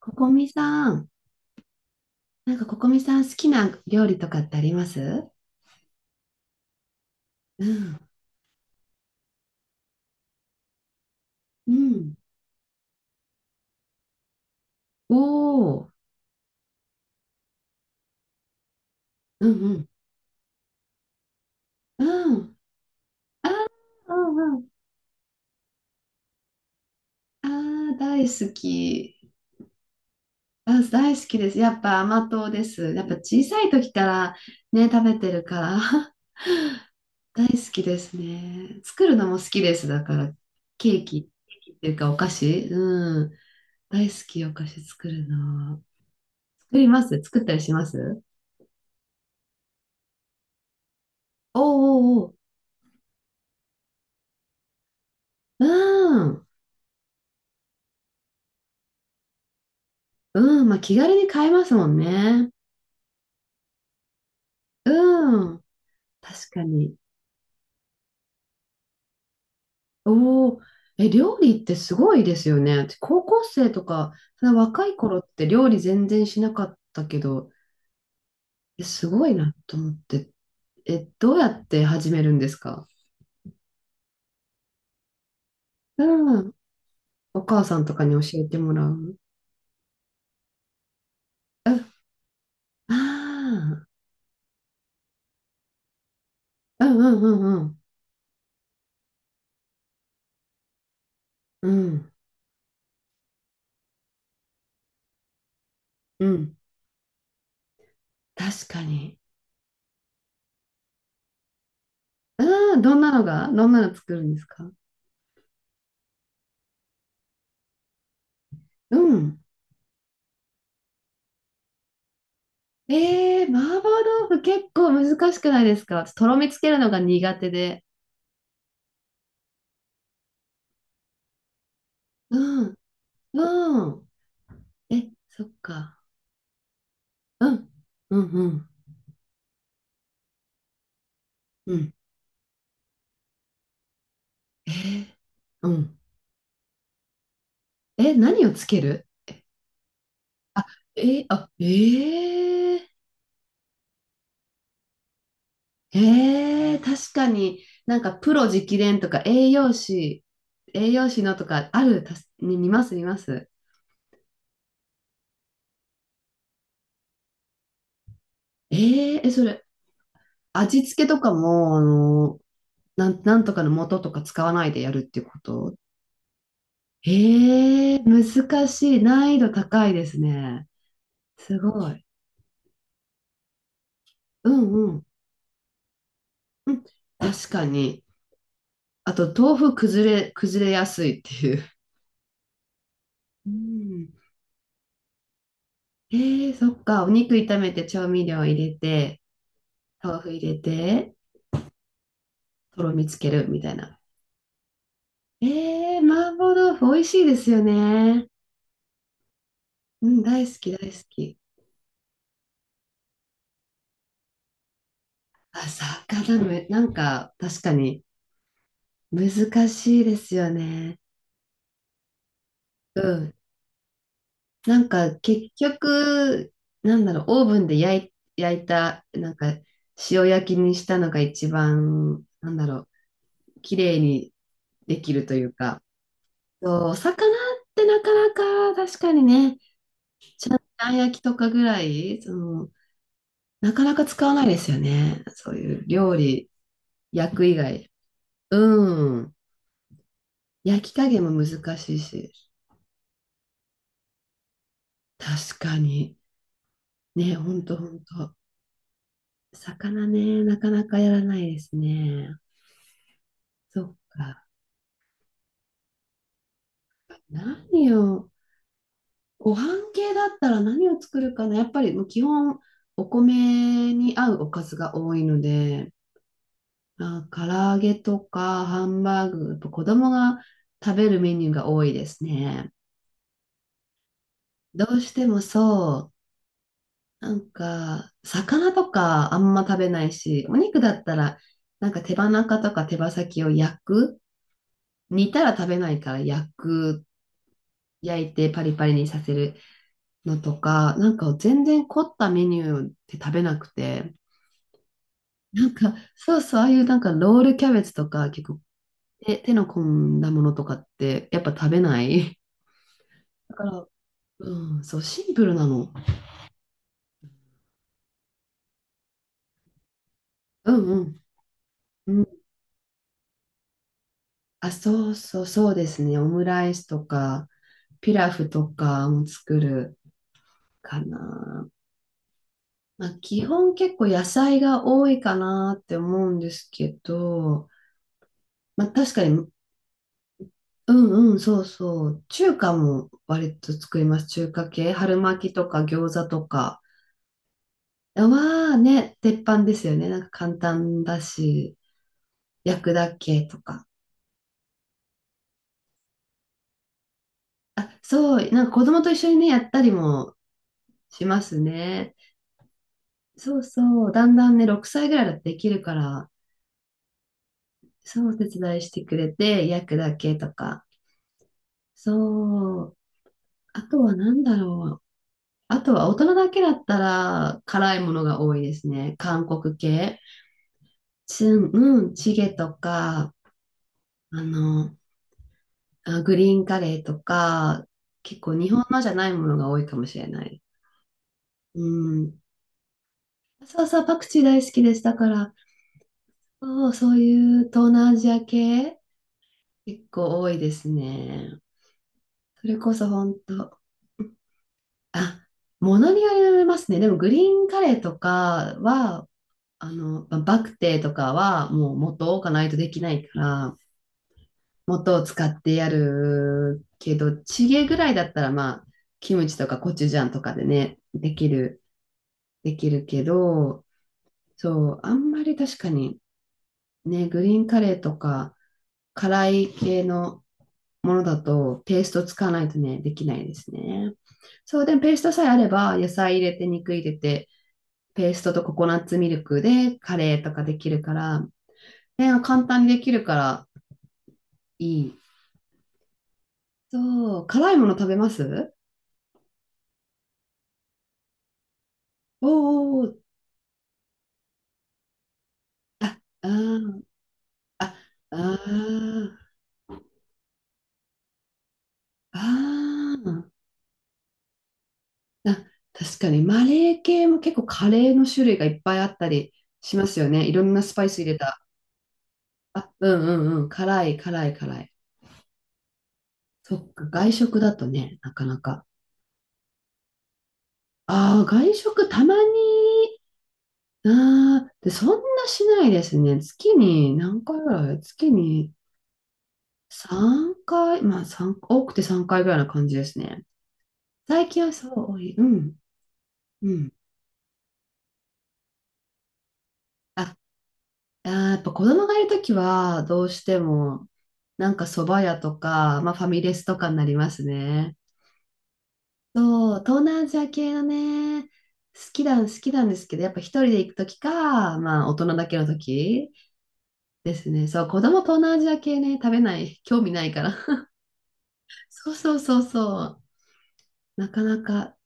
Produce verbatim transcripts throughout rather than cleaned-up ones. ここみさん、なんかここみさん好きな料理とかってあります？うん、うん。おお、うんうん、うん。あー、うんうん。ああ大好き。あ、大好きです。やっぱ甘党です。やっぱ小さい時からね、食べてるから 大好きですね。作るのも好きです。だから、ケーキ、ケーキっていうかお菓子、うん。大好き、お菓子作るの。作ります作ったりしますおーおー、うん。うん。まあ、気軽に買えますもんね。うん。確かに。おお。え、料理ってすごいですよね。私高校生とか、その若い頃って料理全然しなかったけど、え、すごいなと思って。え、どうやって始めるんですか？うん。お母さんとかに教えてもらう。うん。ああ。うんうんうんうん。うん。うん。確かに。うん。どんなのが、どんなの作るんですか？うん。ええー、麻婆豆腐結構難しくないですか？私とろみつけるのが苦手で。うん、うん。え、そっか。うん、うん、うん、うん。えー、うん。え、何をつける？あ、えー、あ、えー、えー、確かになんかプロ直伝とか栄養士、栄養士のとかある、たすに見ます、見ます。えー、え、それ、味付けとかも、あの、なん、なんとかの素とか使わないでやるっていうこと？ええ難しい。難易度高いですね。すごい。うんうん。うん、確かに。あと、豆腐崩れ、崩れやすいっていう。うん。ええそっか。お肉炒めて調味料入れて、豆腐入れて、とろみつけるみたいな。ええ麻婆豆腐美味しいですよね。うん、大好き大好き。あ、魚め、なんか確かに難しいですよね。うん。なんか結局、なんだろう、オーブンで焼い、焼いた、なんか塩焼きにしたのが一番、なんだろう、綺麗にできるというか、そうお魚ってなかなか確かにね、あん焼きとかぐらい、その、なかなか使わないですよね。そういう料理、焼く以外。うん。焼き加減も難しいし。確かに。ね、ほんとほんと。魚ね、なかなかやらないですね。そっか。何よ、ご飯系だったら何を作るかな。やっぱりもう基本、お米に合うおかずが多いので、あ、唐揚げとかハンバーグ、やっぱ子供が食べるメニューが多いですね。どうしてもそう、なんか、魚とかあんま食べないし、お肉だったら、なんか手羽中とか手羽先を焼く、煮たら食べないから焼く、焼いてパリパリにさせるのとか、なんか全然凝ったメニューって食べなくて、なんかそうそう、ああいうなんかロールキャベツとか結構手、手の込んだものとかってやっぱ食べない。だから、うん、そう、シンプルなの。うんうん。うん、あ、そうそう、そうですね。オムライスとか、ピラフとかも作るかな。まあ、基本結構野菜が多いかなって思うんですけど、まあ、確かに。うんうん、そうそう。中華も割と作ります。中華系。春巻きとか餃子とか。はね、鉄板ですよね。なんか簡単だし、焼くだけとか。あ、そう、なんか子供と一緒にね、やったりもしますね。そうそう。だんだんね、ろくさいぐらいだとできるから、そう、お手伝いしてくれて、焼くだけとか。そう。あとは何だろう。あとは大人だけだったら辛いものが多いですね。韓国系。チン、うん、チゲとか、あの、あ、グリーンカレーとか、結構日本のじゃないものが多いかもしれない。うん。そうそう、パクチー大好きです。だから、そうそういう東南アジア系、結構多いですね。それこそ本当。あ、ものによりますね。でもグリーンカレーとかは、あの、ババクテーとかはもう元を置かないとできないから、元を使ってやるけど、チゲぐらいだったらまあ、キムチとかコチュジャンとかでね、できる、できるけど、そう、あんまり確かにね、グリーンカレーとか辛い系のものだとペースト使わないとね、できないですね。そう、でもペーストさえあれば、野菜入れて、肉入れて、ペーストとココナッツミルクでカレーとかできるから、ね、簡単にできるからいい。そう、辛いもの食べます？おーおーおー、ああ、あ、ああ、ああ、な、確かにマレー系も結構カレーの種類がいっぱいあったりしますよね。いろんなスパイス入れた。あ、うんうんうん。辛い、辛い、辛い。そっか、外食だとね、なかなか。ああ、外食たまに。ああ、で、そんなしないですね。月に何回ぐらい？月にさんかい、まあ三多くてさんかいぐらいな感じですね。最近はそう、多い。うん、うん。あー、やっぱ子供がいるときは、どうしても、なんか蕎麦屋とか、まあファミレスとかになりますね。そう、東南アジア系のね、好きなん、好きなんですけど、やっぱ一人で行くときか、まあ大人だけのときですね。そう、子供東南アジア系ね、食べない、興味ないから。そうそうそうそう、なかなか、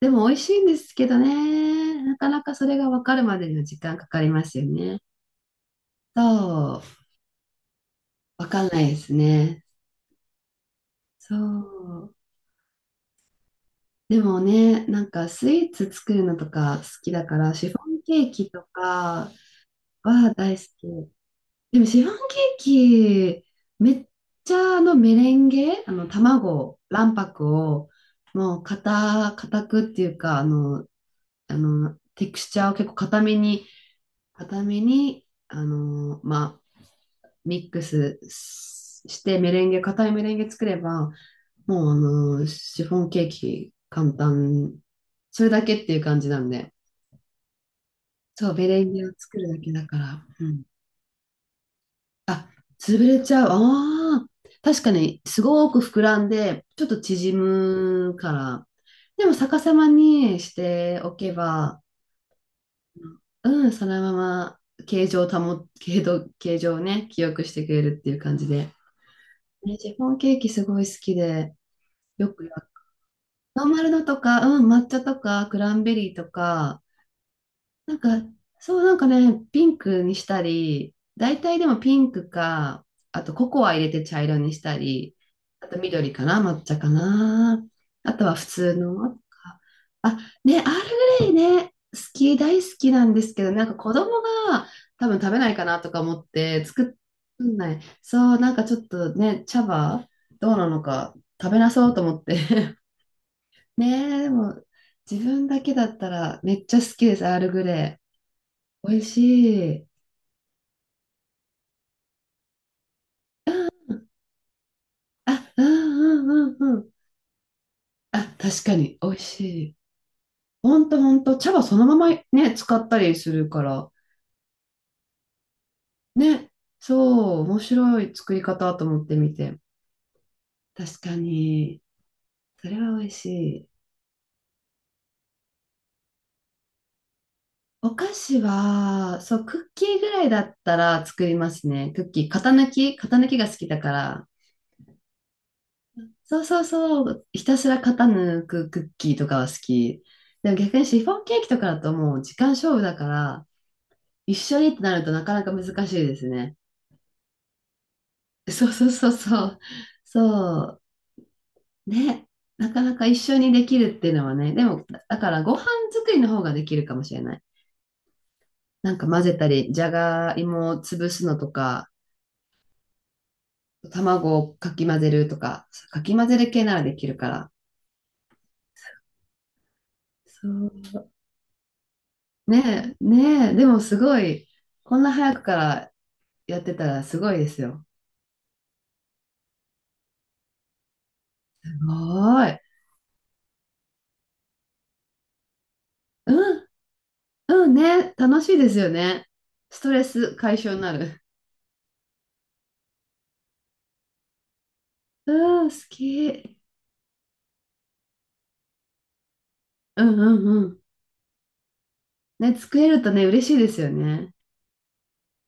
でも美味しいんですけどね、なかなかそれが分かるまでには時間かかりますよね。そう、分かんないですね。そう。でもね、なんかスイーツ作るのとか好きだから、シフォンケーキとかは大好き。でもシフォンケーキ、めっちゃあのメレンゲ、あの卵、卵白をもう固、固くっていうか、あの、あの、テクスチャーを結構固めに、固めに、あの、まあ、ミックスししてメレンゲ、固いメレンゲ作れば、もうあの、シフォンケーキ簡単。それだけっていう感じなんで。そう、メレンゲを作るだけだから。うん。あ、潰れちゃう。ああ。確かに、すごく膨らんで、ちょっと縮むから。でも逆さまにしておけば、うん、そのまま形状を保、形状、形状をね、記憶してくれるっていう感じで。ね、シフォンケーキすごい好きで、よくやるノーマルのとか、うん、抹茶とか、クランベリーとか、なんか、そう、なんかね、ピンクにしたり、大体でもピンクか、あとココア入れて茶色にしたり、あと緑かな、抹茶かな。あとは普通の。あ、ね、アールグレイね、好き、大好きなんですけど、なんか子供が多分食べないかなとか思って作んない。そう、なんかちょっとね、茶葉どうなのか食べなそうと思って。ねえ、でも自分だけだったらめっちゃ好きです、アールグレイ。美味しい。あ、うんうんうんうん。あ、確かに、美味しい。ほんとほんと、茶葉そのままね、使ったりするから、ね、そう、面白い作り方と思ってみて。確かに、それは美味しい。お菓子は、そう、クッキーぐらいだったら作りますね。クッキー、型抜き、型抜きが好きだから。そうそうそう、ひたすら型抜くクッキーとかは好き。でも逆にシフォンケーキとかだともう時間勝負だから、一緒にってなるとなかなか難しいですね。そうそうそうそう。そう。ね。なかなか一緒にできるっていうのはね。でも、だからご飯作りの方ができるかもしれない。なんか混ぜたり、じゃがいもを潰すのとか、卵をかき混ぜるとか、かき混ぜる系ならできるから。そう。ねえ、ねえ。でもすごい、こんな早くからやってたらすごいですよ。すごい。うん、うんね。楽しいですよね。ストレス解消になる。うん、好き。うんうんうん。ね、作れるとね、嬉しいですよね。